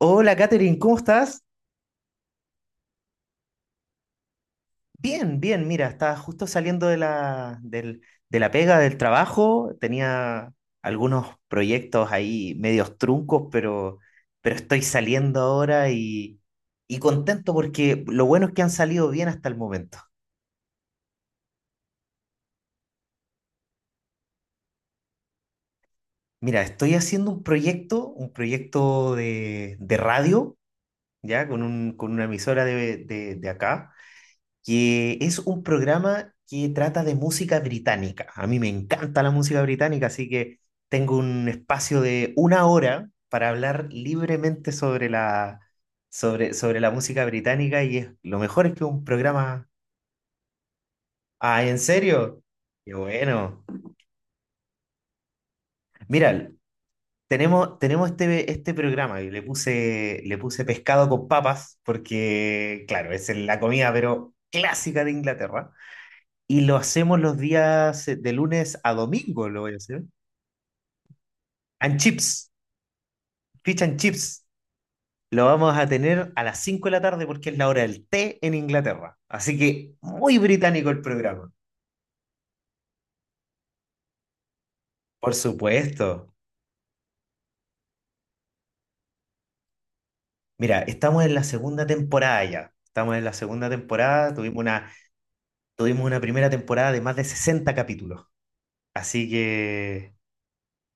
Hola, Katherine, ¿cómo estás? Bien, bien, mira, estaba justo saliendo de la pega, del trabajo, tenía algunos proyectos ahí medios truncos, pero estoy saliendo ahora y contento porque lo bueno es que han salido bien hasta el momento. Mira, estoy haciendo un proyecto de radio, ya, con una emisora de acá, que es un programa que trata de música británica. A mí me encanta la música británica, así que tengo un espacio de una hora para hablar libremente sobre sobre la música británica y es, lo mejor es que un programa... Ah, ¿en serio? Qué bueno. Mira, este programa y le puse pescado con papas porque, claro, es la comida, pero clásica de Inglaterra. Y lo hacemos los días de lunes a domingo, lo voy a hacer. And chips, fish and chips. Lo vamos a tener a las 5 de la tarde porque es la hora del té en Inglaterra. Así que muy británico el programa. Por supuesto. Mira, estamos en la segunda temporada ya. Estamos en la segunda temporada. Tuvimos una primera temporada de más de 60 capítulos. Así que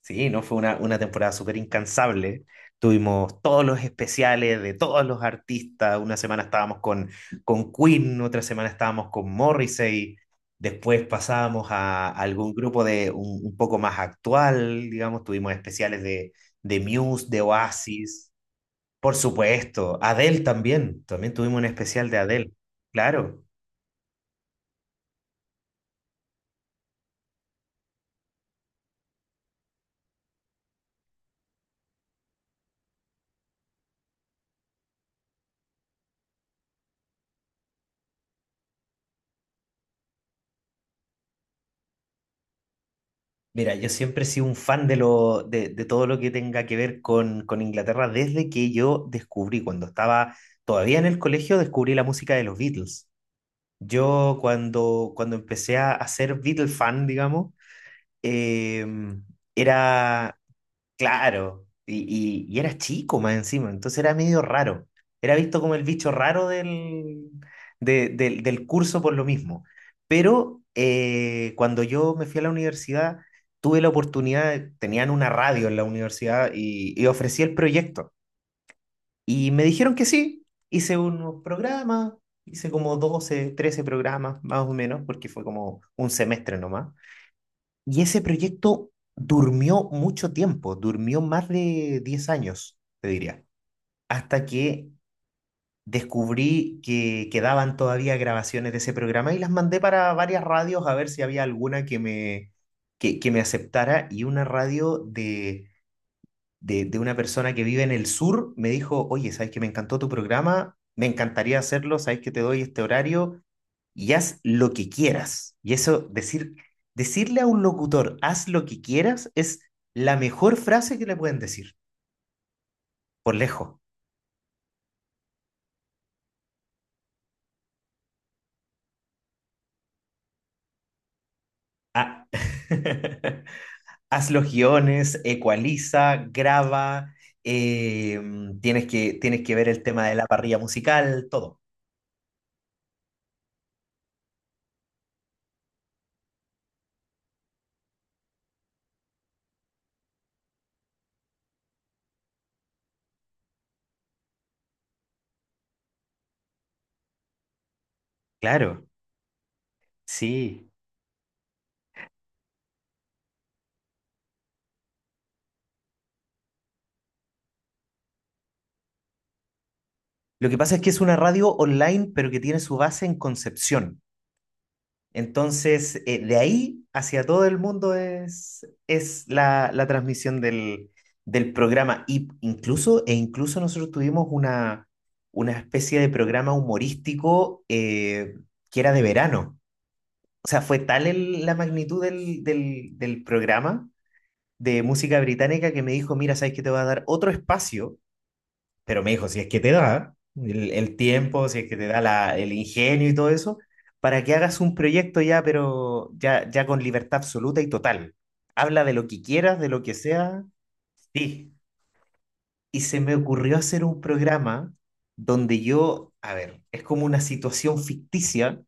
sí, no fue una temporada súper incansable. Tuvimos todos los especiales de todos los artistas. Una semana estábamos con Queen, otra semana estábamos con Morrissey. Después pasábamos a algún grupo un poco más actual, digamos. Tuvimos especiales de Muse, de Oasis, por supuesto. Adele también. También tuvimos un especial de Adele. Claro. Mira, yo siempre he sido un fan de todo lo que tenga que ver con Inglaterra desde que yo descubrí, cuando estaba todavía en el colegio, descubrí la música de los Beatles. Yo cuando empecé a ser Beatle fan, digamos, eh, era, claro, y era chico más encima, entonces era medio raro. Era visto como el bicho raro del curso por lo mismo. Pero cuando yo me fui a la universidad, tuve la oportunidad, tenían una radio en la universidad y ofrecí el proyecto. Y me dijeron que sí, hice unos programas, hice como 12 13 programas más o menos, porque fue como un semestre nomás. Y ese proyecto durmió mucho tiempo, durmió más de 10 años, te diría, hasta que descubrí que quedaban todavía grabaciones de ese programa y las mandé para varias radios a ver si había alguna que me aceptara y una radio de una persona que vive en el sur me dijo, oye, ¿sabes que me encantó tu programa? Me encantaría hacerlo. ¿Sabes que te doy este horario y haz lo que quieras? Y eso, decirle a un locutor, haz lo que quieras, es la mejor frase que le pueden decir, por lejos. Ah. Haz los guiones, ecualiza, graba, eh, tienes que ver el tema de la parrilla musical, todo. Claro, sí. Lo que pasa es que es una radio online, pero que tiene su base en Concepción. Entonces, de ahí hacia todo el mundo es la transmisión del programa. E incluso nosotros tuvimos una especie de programa humorístico que era de verano. O sea, fue tal la magnitud del programa de música británica que me dijo, mira, ¿sabes qué? Te voy a dar otro espacio, pero me dijo, si es que te da el tiempo, si es que te da el ingenio y todo eso, para que hagas un proyecto ya, pero ya con libertad absoluta y total. Habla de lo que quieras, de lo que sea. Sí. Y se me ocurrió hacer un programa donde yo, a ver, es como una situación ficticia,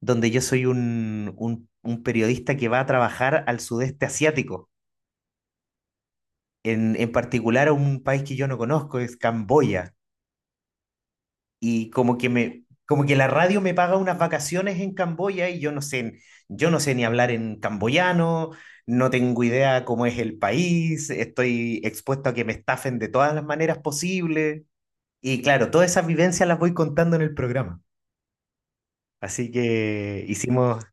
donde yo soy un periodista que va a trabajar al sudeste asiático, en particular a un país que yo no conozco, es Camboya. Y como que me, como que la radio me paga unas vacaciones en Camboya y yo no sé ni hablar en camboyano, no tengo idea cómo es el país, estoy expuesto a que me estafen de todas las maneras posibles. Y claro, todas esas vivencias las voy contando en el programa. Así que hicimos.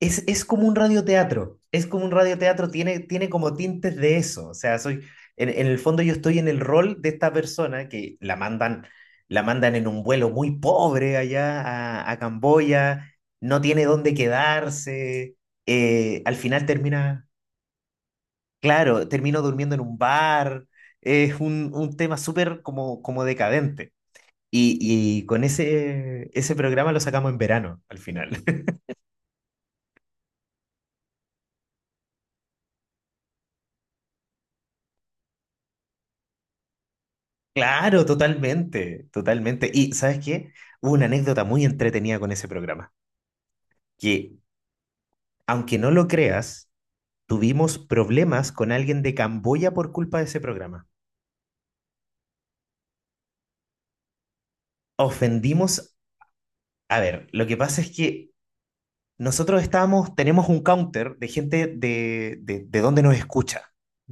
Es como un radioteatro, es como un radioteatro, tiene como tintes de eso, o sea, soy, en el fondo yo estoy en el rol de esta persona que la mandan en un vuelo muy pobre allá a Camboya, no tiene dónde quedarse, al final termina, claro, termino durmiendo en un bar, es un tema súper como, como decadente. Y con ese programa lo sacamos en verano, al final. Claro, totalmente, totalmente. Y ¿sabes qué? Hubo una anécdota muy entretenida con ese programa, que aunque no lo creas, tuvimos problemas con alguien de Camboya por culpa de ese programa. Ofendimos, a ver, lo que pasa es que nosotros estamos, tenemos un counter de gente de donde nos escucha.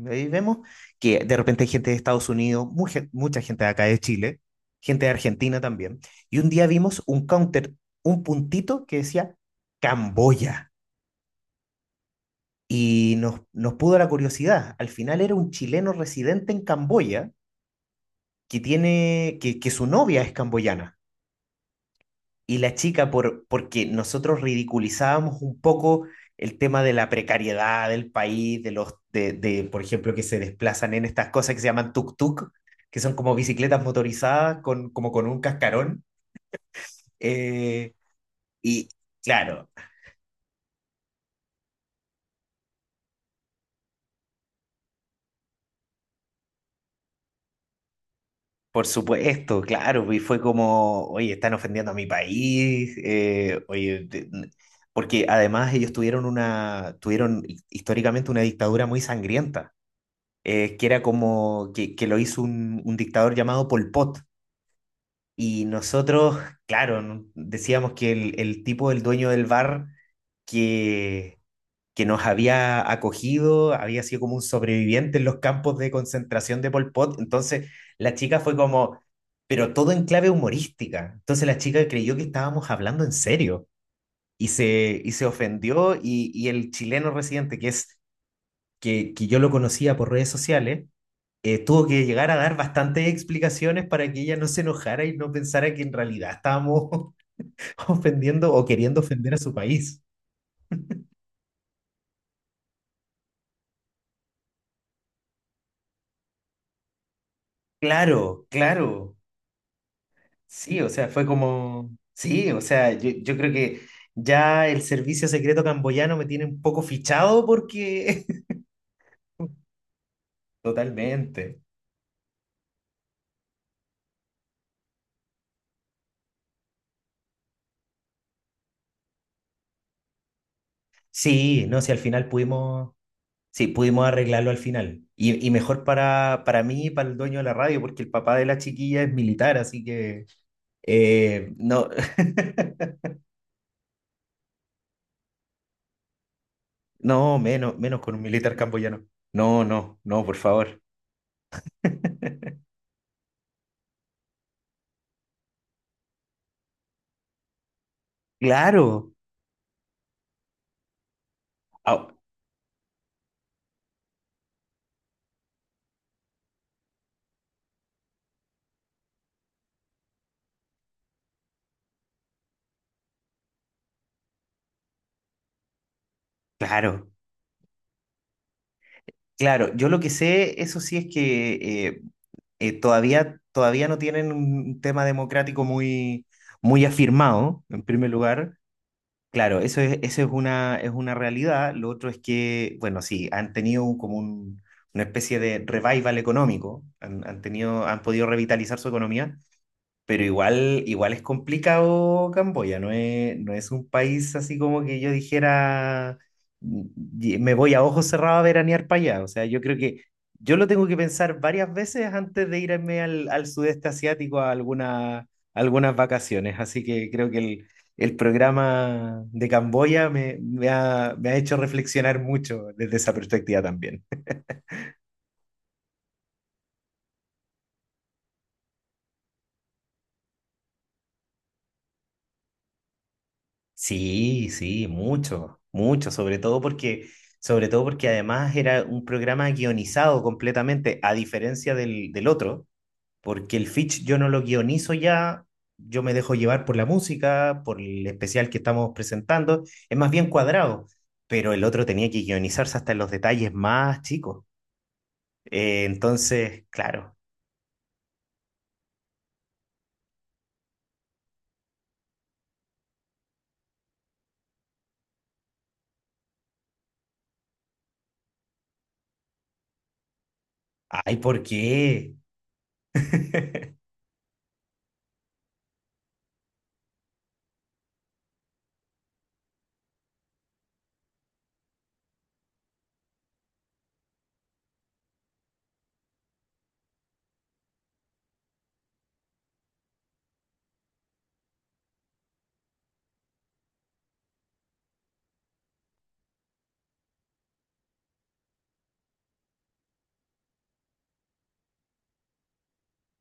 Ahí vemos que de repente hay gente de Estados Unidos, mucha gente de acá de Chile, gente de Argentina también. Y un día vimos un counter, un puntito que decía Camboya. Nos pudo la curiosidad. Al final era un chileno residente en Camboya que su novia es camboyana. Y la chica por, porque nosotros ridiculizábamos un poco el tema de la precariedad del país, de los, de, por ejemplo, que se desplazan en estas cosas que se llaman tuk-tuk, que son como bicicletas motorizadas con, como con un cascarón. Eh, y claro, por supuesto, claro, y fue como, oye, están ofendiendo a mi país, porque además ellos tuvieron históricamente una dictadura muy sangrienta, que era como que lo hizo un dictador llamado Pol Pot. Y nosotros, claro, decíamos que el tipo, el dueño del bar, que, que nos había acogido, había sido como un sobreviviente en los campos de concentración de Pol Pot. Entonces, la chica fue como, pero todo en clave humorística. Entonces, la chica creyó que estábamos hablando en serio y se ofendió. Y el chileno residente, que es que yo lo conocía por redes sociales, tuvo que llegar a dar bastantes explicaciones para que ella no se enojara y no pensara que en realidad estábamos ofendiendo o queriendo ofender a su país. Claro, claro. Sí, o sea, fue como... Sí, o sea, yo creo que ya el servicio secreto camboyano me tiene un poco fichado porque... Totalmente. Sí, no, si al final pudimos... Sí, pudimos arreglarlo al final. Y mejor para mí y para el dueño de la radio, porque el papá de la chiquilla es militar, así que... no, no, menos, menos con un militar camboyano. No, no, no, por favor. Claro, au- claro, claro. Yo lo que sé, eso sí, es que todavía no tienen un tema democrático muy afirmado, en primer lugar. Claro, eso es una realidad. Lo otro es que, bueno, sí, han tenido una especie de revival económico, han tenido, han podido revitalizar su economía, pero igual, igual es complicado Camboya, no es un país así como que yo dijera: "Mm, me voy a ojos cerrados a veranear para allá". O sea, yo creo que yo lo tengo que pensar varias veces antes de irme al, al sudeste asiático a algunas vacaciones. Así que creo que el programa de Camboya me ha hecho reflexionar mucho desde esa perspectiva también. Sí, sí, mucho, mucho, sobre todo porque además era un programa guionizado completamente, a diferencia del otro, porque el Fitch yo no lo guionizo ya, yo me dejo llevar por la música, por el especial que estamos presentando, es más bien cuadrado, pero el otro tenía que guionizarse hasta en los detalles más chicos. Entonces, claro, ay, ¿por qué?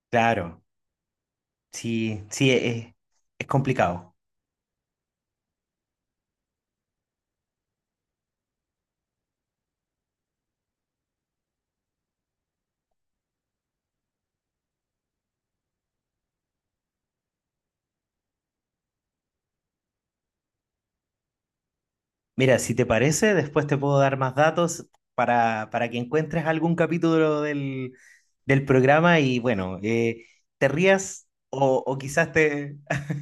Claro, sí, sí, es complicado. Mira, si te parece, después te puedo dar más datos para que encuentres algún capítulo del programa y bueno, te rías o quizás te...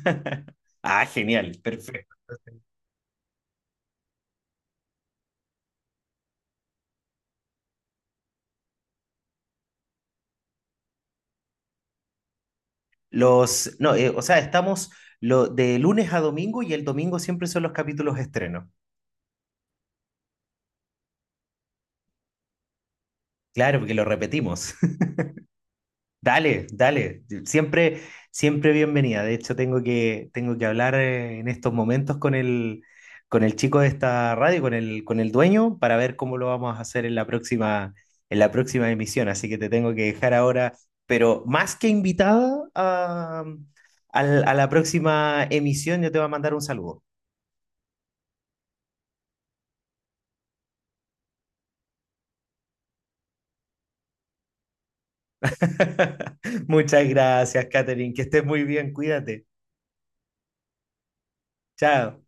Ah, genial, perfecto. Los, no, o sea, estamos lo, de lunes a domingo y el domingo siempre son los capítulos estreno. Claro, porque lo repetimos. Dale, dale. Siempre, siempre bienvenida. De hecho, tengo que hablar en estos momentos con el chico de esta radio, con el dueño, para ver cómo lo vamos a hacer en la próxima emisión. Así que te tengo que dejar ahora, pero más que invitada a, a la próxima emisión, yo te voy a mandar un saludo. Muchas gracias, Catherine. Que estés muy bien. Cuídate. Chao.